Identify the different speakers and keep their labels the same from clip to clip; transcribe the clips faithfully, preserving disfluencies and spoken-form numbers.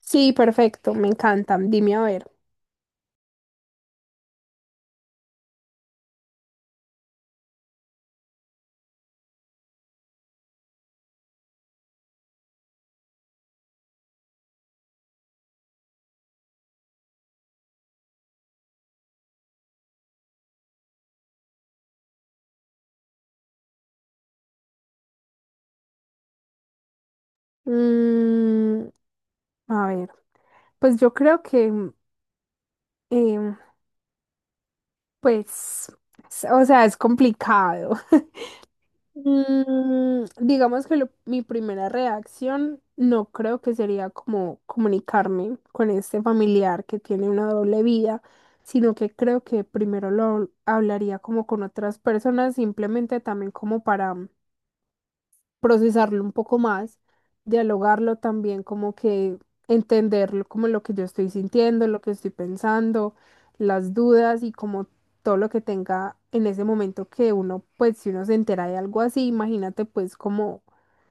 Speaker 1: Sí, perfecto, me encantan. Dime a ver. Mm, a ver, pues yo creo que, mm, em, pues, s- o sea, es complicado. Mm, digamos que lo- mi primera reacción no creo que sería como comunicarme con este familiar que tiene una doble vida, sino que creo que primero lo hablaría como con otras personas, simplemente también como para mm, procesarlo un poco más, dialogarlo también, como que entenderlo, como lo que yo estoy sintiendo, lo que estoy pensando, las dudas y como todo lo que tenga en ese momento que uno, pues si uno se entera de algo así, imagínate pues como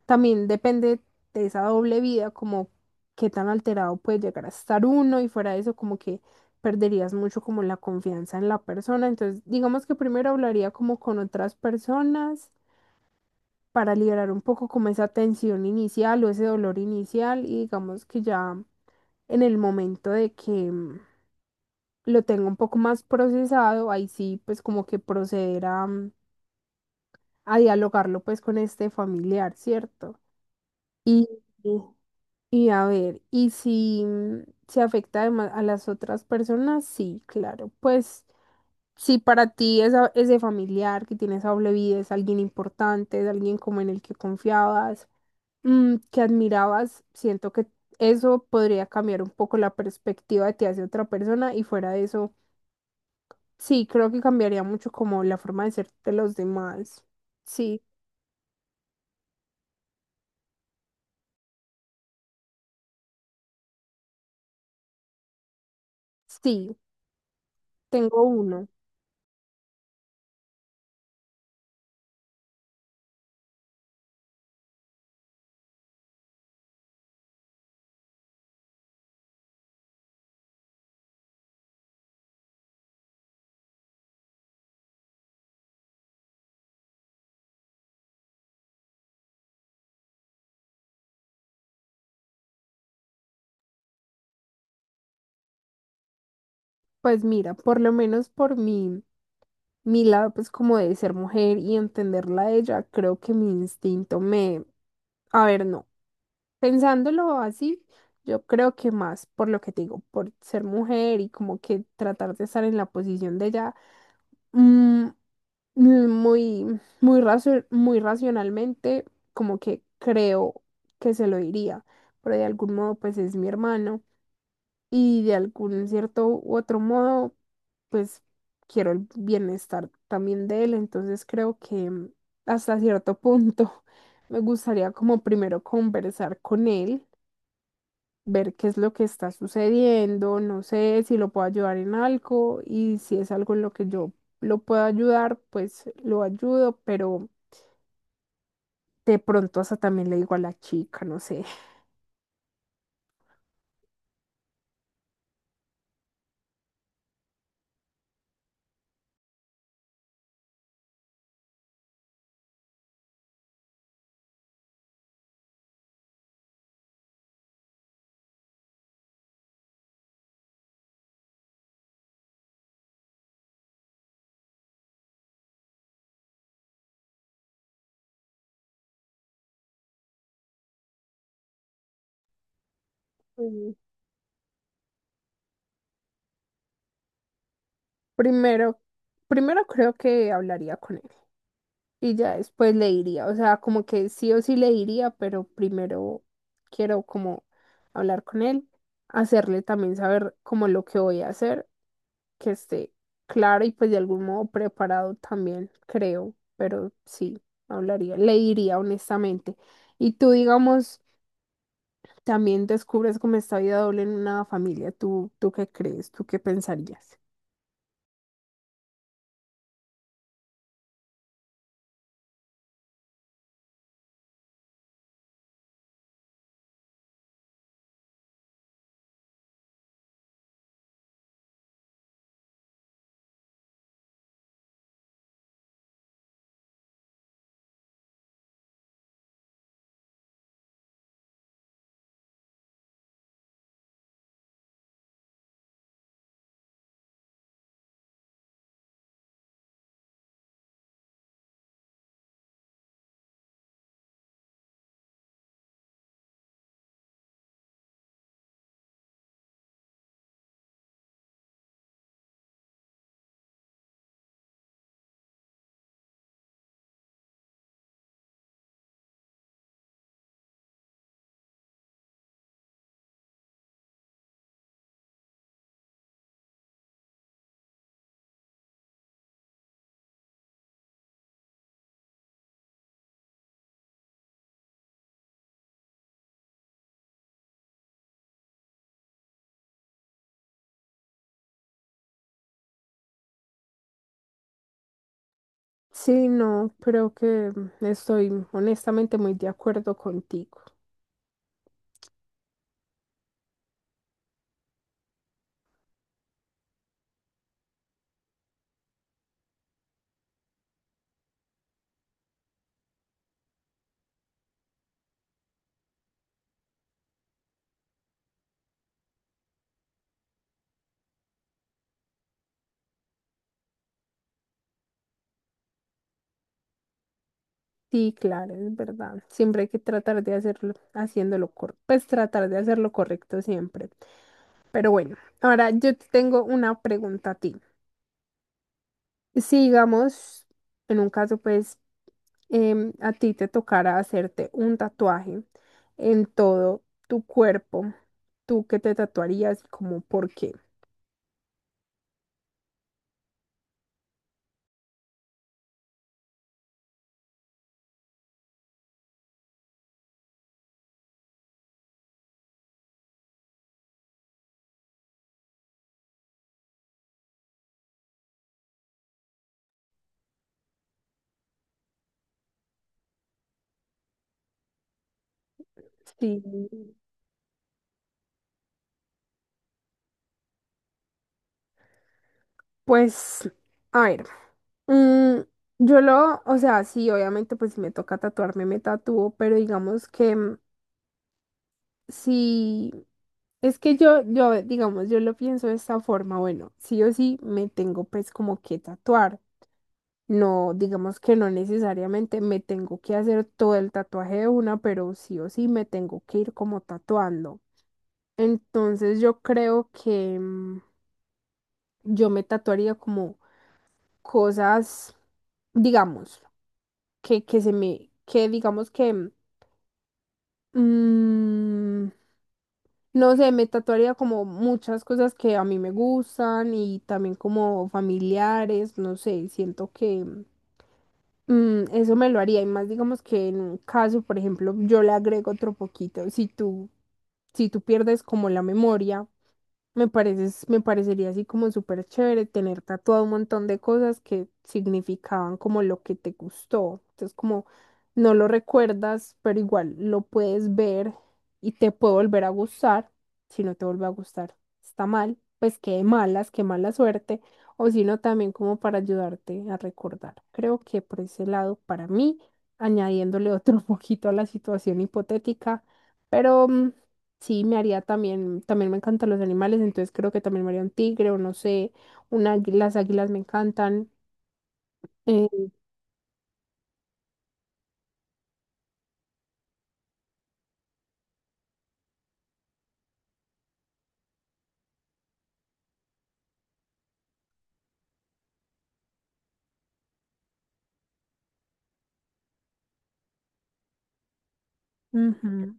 Speaker 1: también depende de esa doble vida, como qué tan alterado puede llegar a estar uno y fuera de eso como que perderías mucho como la confianza en la persona. Entonces, digamos que primero hablaría como con otras personas para liberar un poco como esa tensión inicial o ese dolor inicial y digamos que ya en el momento de que mm, lo tenga un poco más procesado, ahí sí pues como que proceder a, mm, a dialogarlo pues con este familiar, ¿cierto? Y, y y a ver, y si mm, se afecta además a las otras personas, sí, claro, pues... Si para ti esa- ese familiar que tiene esa doble vida es alguien importante, es alguien como en el que confiabas, mm, que admirabas, siento que eso podría cambiar un poco la perspectiva de ti hacia otra persona y fuera de eso, sí, creo que cambiaría mucho como la forma de ser de los demás. Sí, sí, tengo uno. Pues mira, por lo menos por mi, mi lado, pues como de ser mujer y entenderla a ella, creo que mi instinto me... A ver, no. Pensándolo así, yo creo que más por lo que te digo, por ser mujer y como que tratar de estar en la posición de ella, mm, mm, muy, muy, racio- muy racionalmente, como que creo que se lo diría, pero de algún modo pues es mi hermano y de algún cierto u otro modo pues quiero el bienestar también de él, entonces creo que hasta cierto punto me gustaría como primero conversar con él, ver qué es lo que está sucediendo, no sé si lo puedo ayudar en algo y si es algo en lo que yo lo puedo ayudar, pues lo ayudo, pero de pronto hasta también le digo a la chica, no sé. Mm, Primero, primero creo que hablaría con él y ya después le diría, o sea, como que sí o sí le diría, pero primero quiero como hablar con él, hacerle también saber como lo que voy a hacer, que esté clara y pues de algún modo preparado también, creo, pero sí, hablaría, le diría honestamente. Y tú, digamos, también descubres como esta vida doble en una familia, ¿tú, tú qué crees? ¿Tú qué pensarías? Sí, no, creo que estoy honestamente muy de acuerdo contigo. Sí, claro, es verdad. Siempre hay que tratar de hacerlo, haciéndolo correcto, pues tratar de hacerlo correcto siempre. Pero bueno, ahora yo te tengo una pregunta a ti. Si digamos, en un caso, pues, em, a ti te tocara hacerte un tatuaje en todo tu cuerpo, ¿tú qué te tatuarías y como por qué? Sí, pues, a ver, mm, yo lo, o sea, sí, obviamente, pues si me toca tatuarme, me tatúo, pero digamos que mm, si, es que yo, yo, digamos, yo lo pienso de esta forma, bueno, sí o sí, me tengo pues como que tatuar. No, digamos que no necesariamente me tengo que hacer todo el tatuaje de una, pero sí o sí me tengo que ir como tatuando. Entonces yo creo que mm, yo me tatuaría como cosas, digamos, que, que se me, que digamos que, mm, mm, no sé, me tatuaría como muchas cosas que a mí me gustan y también como familiares, no sé, siento que... mm, Mm, eso me lo haría y más digamos que en un caso, por ejemplo, yo le agrego otro poquito. Si tú, si tú pierdes como la memoria, me parece, me parecería así como súper chévere tener tatuado un montón de cosas que significaban como lo que te gustó. Entonces, como no lo recuerdas, pero igual lo puedes ver y te puede volver a gustar. Si no te vuelve a gustar, está mal. Pues qué malas, qué mala suerte. O si no, también como para ayudarte a recordar. Creo que por ese lado, para mí, añadiéndole otro poquito a la situación hipotética, pero. mm, Sí, me haría también, también me encantan los animales, entonces creo que también me haría un tigre o no sé, un águila, las águilas me encantan. eh, ujú.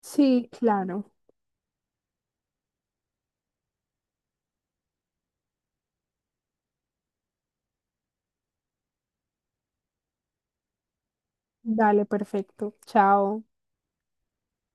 Speaker 1: Sí, claro. Dale, perfecto. Chao.